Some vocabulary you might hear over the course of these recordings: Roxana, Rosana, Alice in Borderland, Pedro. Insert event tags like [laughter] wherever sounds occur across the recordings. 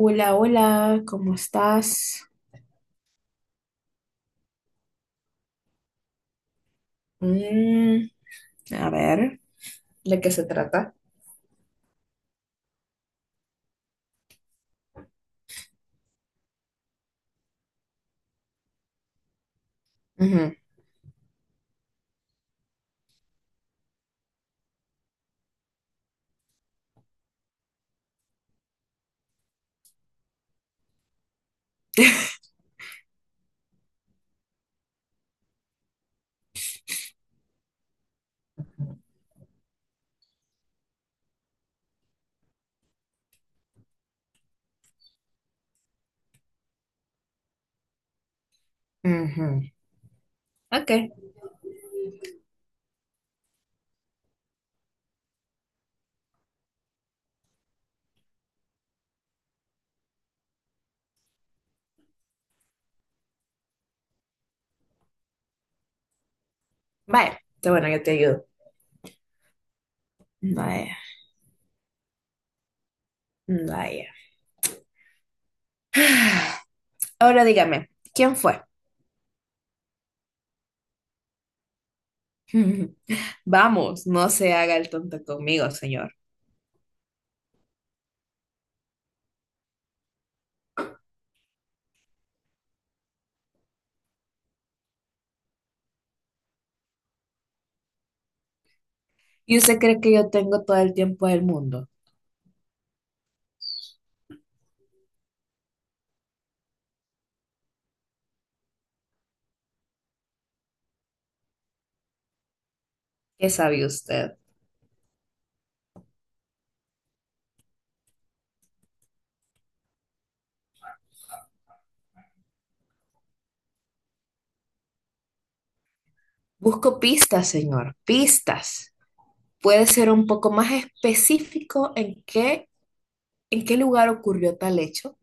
Hola, hola, ¿cómo estás? Mm, a ver. ¿De qué se trata? Ujú, [laughs] ujú. Ok, vaya. Está bueno, yo te ayudo. Vaya, vaya. [sighs] Ahora dígame, ¿quién fue? [laughs] Vamos, no se haga el tonto conmigo, señor. ¿Y usted cree que yo tengo todo el tiempo del mundo? ¿Qué sabe usted? Busco pistas, señor, pistas. ¿Puede ser un poco más específico en qué lugar ocurrió tal hecho?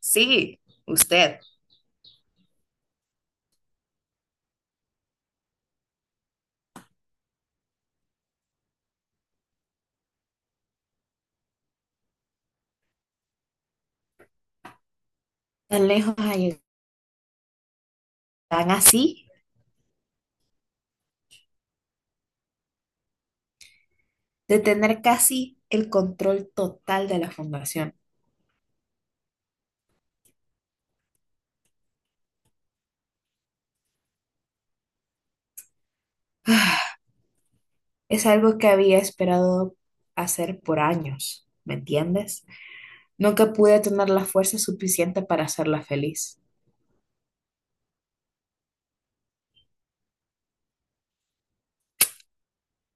Sí, usted. Tan lejos ha llegado, tan así, de tener casi el control total de la fundación. Ah, es algo que había esperado hacer por años, ¿me entiendes? Nunca pude tener la fuerza suficiente para hacerla feliz.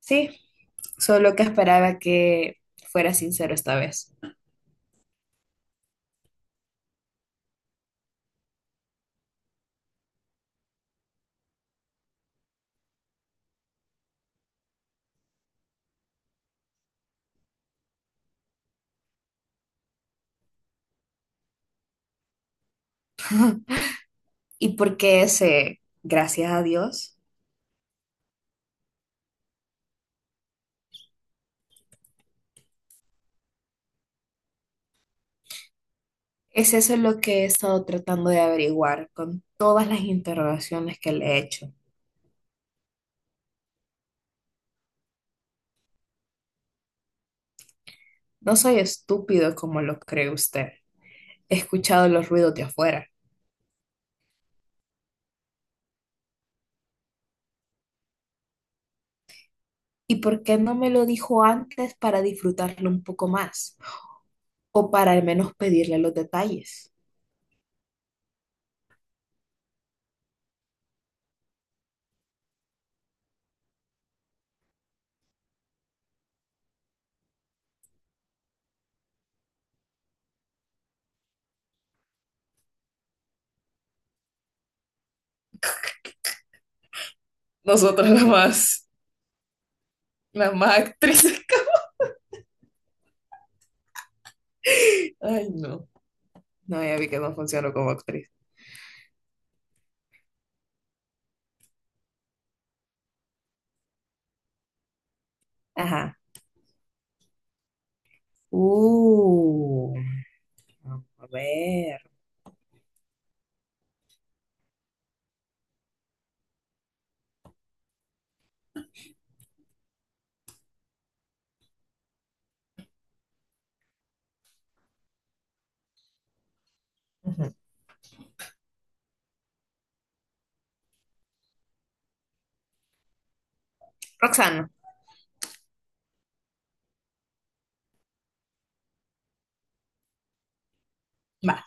Sí, solo que esperaba que fuera sincero esta vez. ¿Y por qué ese, gracias a Dios? Es eso lo que he estado tratando de averiguar con todas las interrogaciones que le he hecho. No soy estúpido como lo cree usted. He escuchado los ruidos de afuera. ¿Y por qué no me lo dijo antes para disfrutarlo un poco más? O para al menos pedirle los detalles. Nosotras las más, las más actrices. [laughs] Ay, no. No, ya vi que no funciono como actriz. Ajá. Uh, a ver. Ujú. Roxana. Va.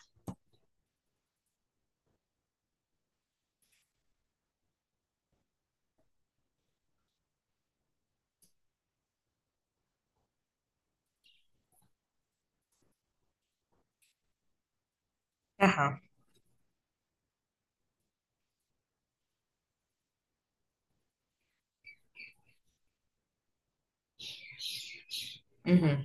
Ajá. Ujú.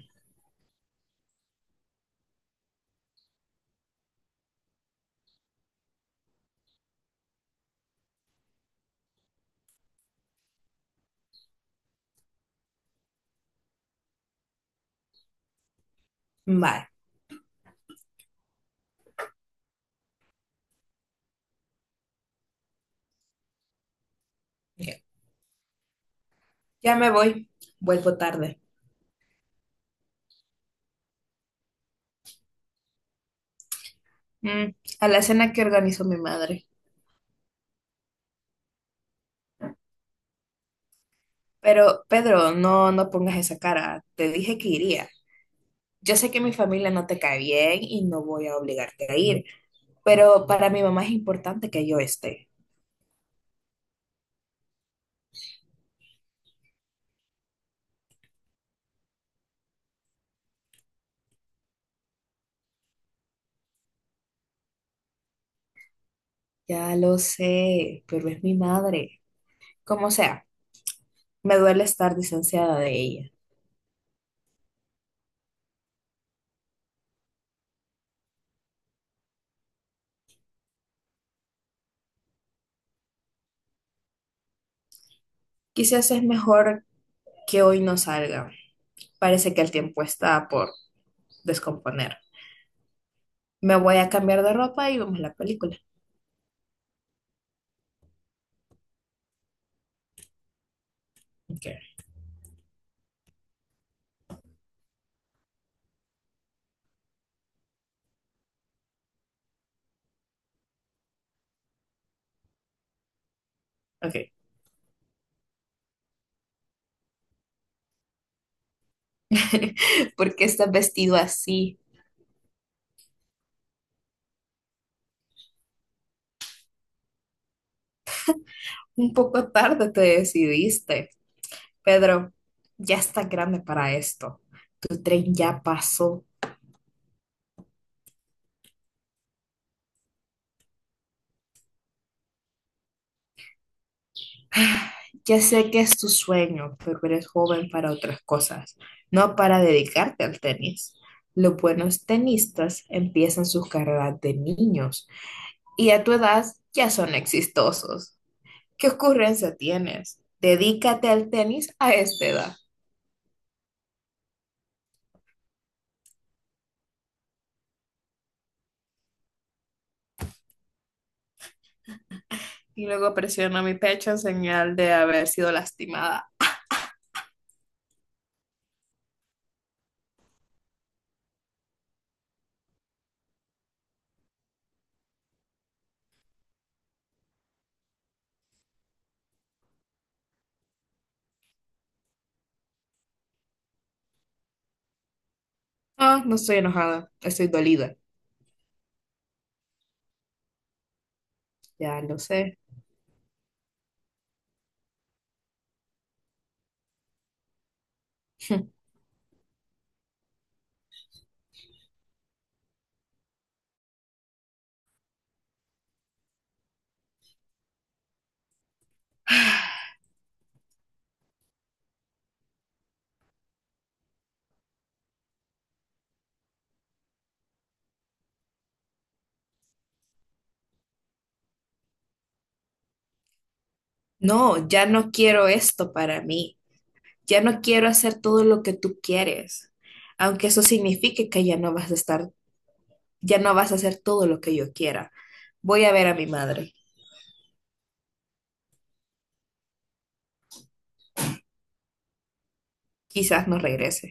Vale. Ok. Ya me voy. Vuelvo tarde. Mm, a la cena que organizó mi madre. Pero, Pedro, no pongas esa cara. Te dije que iría. Yo sé que mi familia no te cae bien y no voy a obligarte a ir, pero para mi mamá es importante que yo esté. Ya lo sé, pero es mi madre. Como sea, me duele estar distanciada de ella. Quizás es mejor que hoy no salga. Parece que el tiempo está por descomponer. Me voy a cambiar de ropa y vemos la película. Ok, ok. [laughs] ¿Por qué estás vestido así? Un poco tarde te decidiste. Pedro, ya estás grande para esto. Tu tren ya pasó. [sighs] Ya sé que es tu sueño, pero eres joven para otras cosas, no para dedicarte al tenis. Los buenos tenistas empiezan sus carreras de niños y a tu edad ya son exitosos. ¿Qué ocurrencia tienes? Dedícate al tenis a esta edad. Y luego presionó mi pecho en señal de haber sido lastimada. Ah, no estoy enojada, estoy dolida. Ya lo sé. [laughs] No, ya no quiero esto para mí. Ya no quiero hacer todo lo que tú quieres. Aunque eso signifique que ya no vas a estar, ya no vas a hacer todo lo que yo quiera. Voy a ver a mi madre. Quizás no regrese.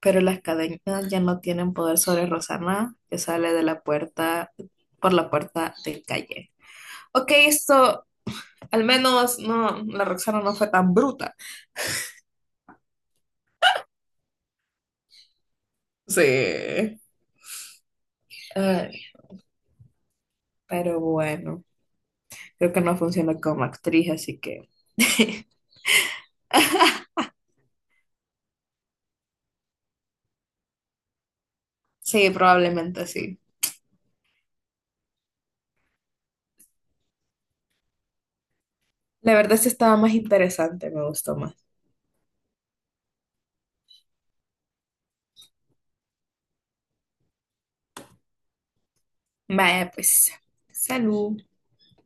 Pero las cadenas ya no tienen poder sobre Rosana, que sale de la puerta, por la puerta del calle. Ok, esto, al menos no, la Roxana no fue tan bruta. Sí. Ay, pero bueno, creo que no funciona como actriz, así que. [laughs] Sí, probablemente sí. La verdad sí estaba más interesante, me gustó más. Vaya, pues, salud.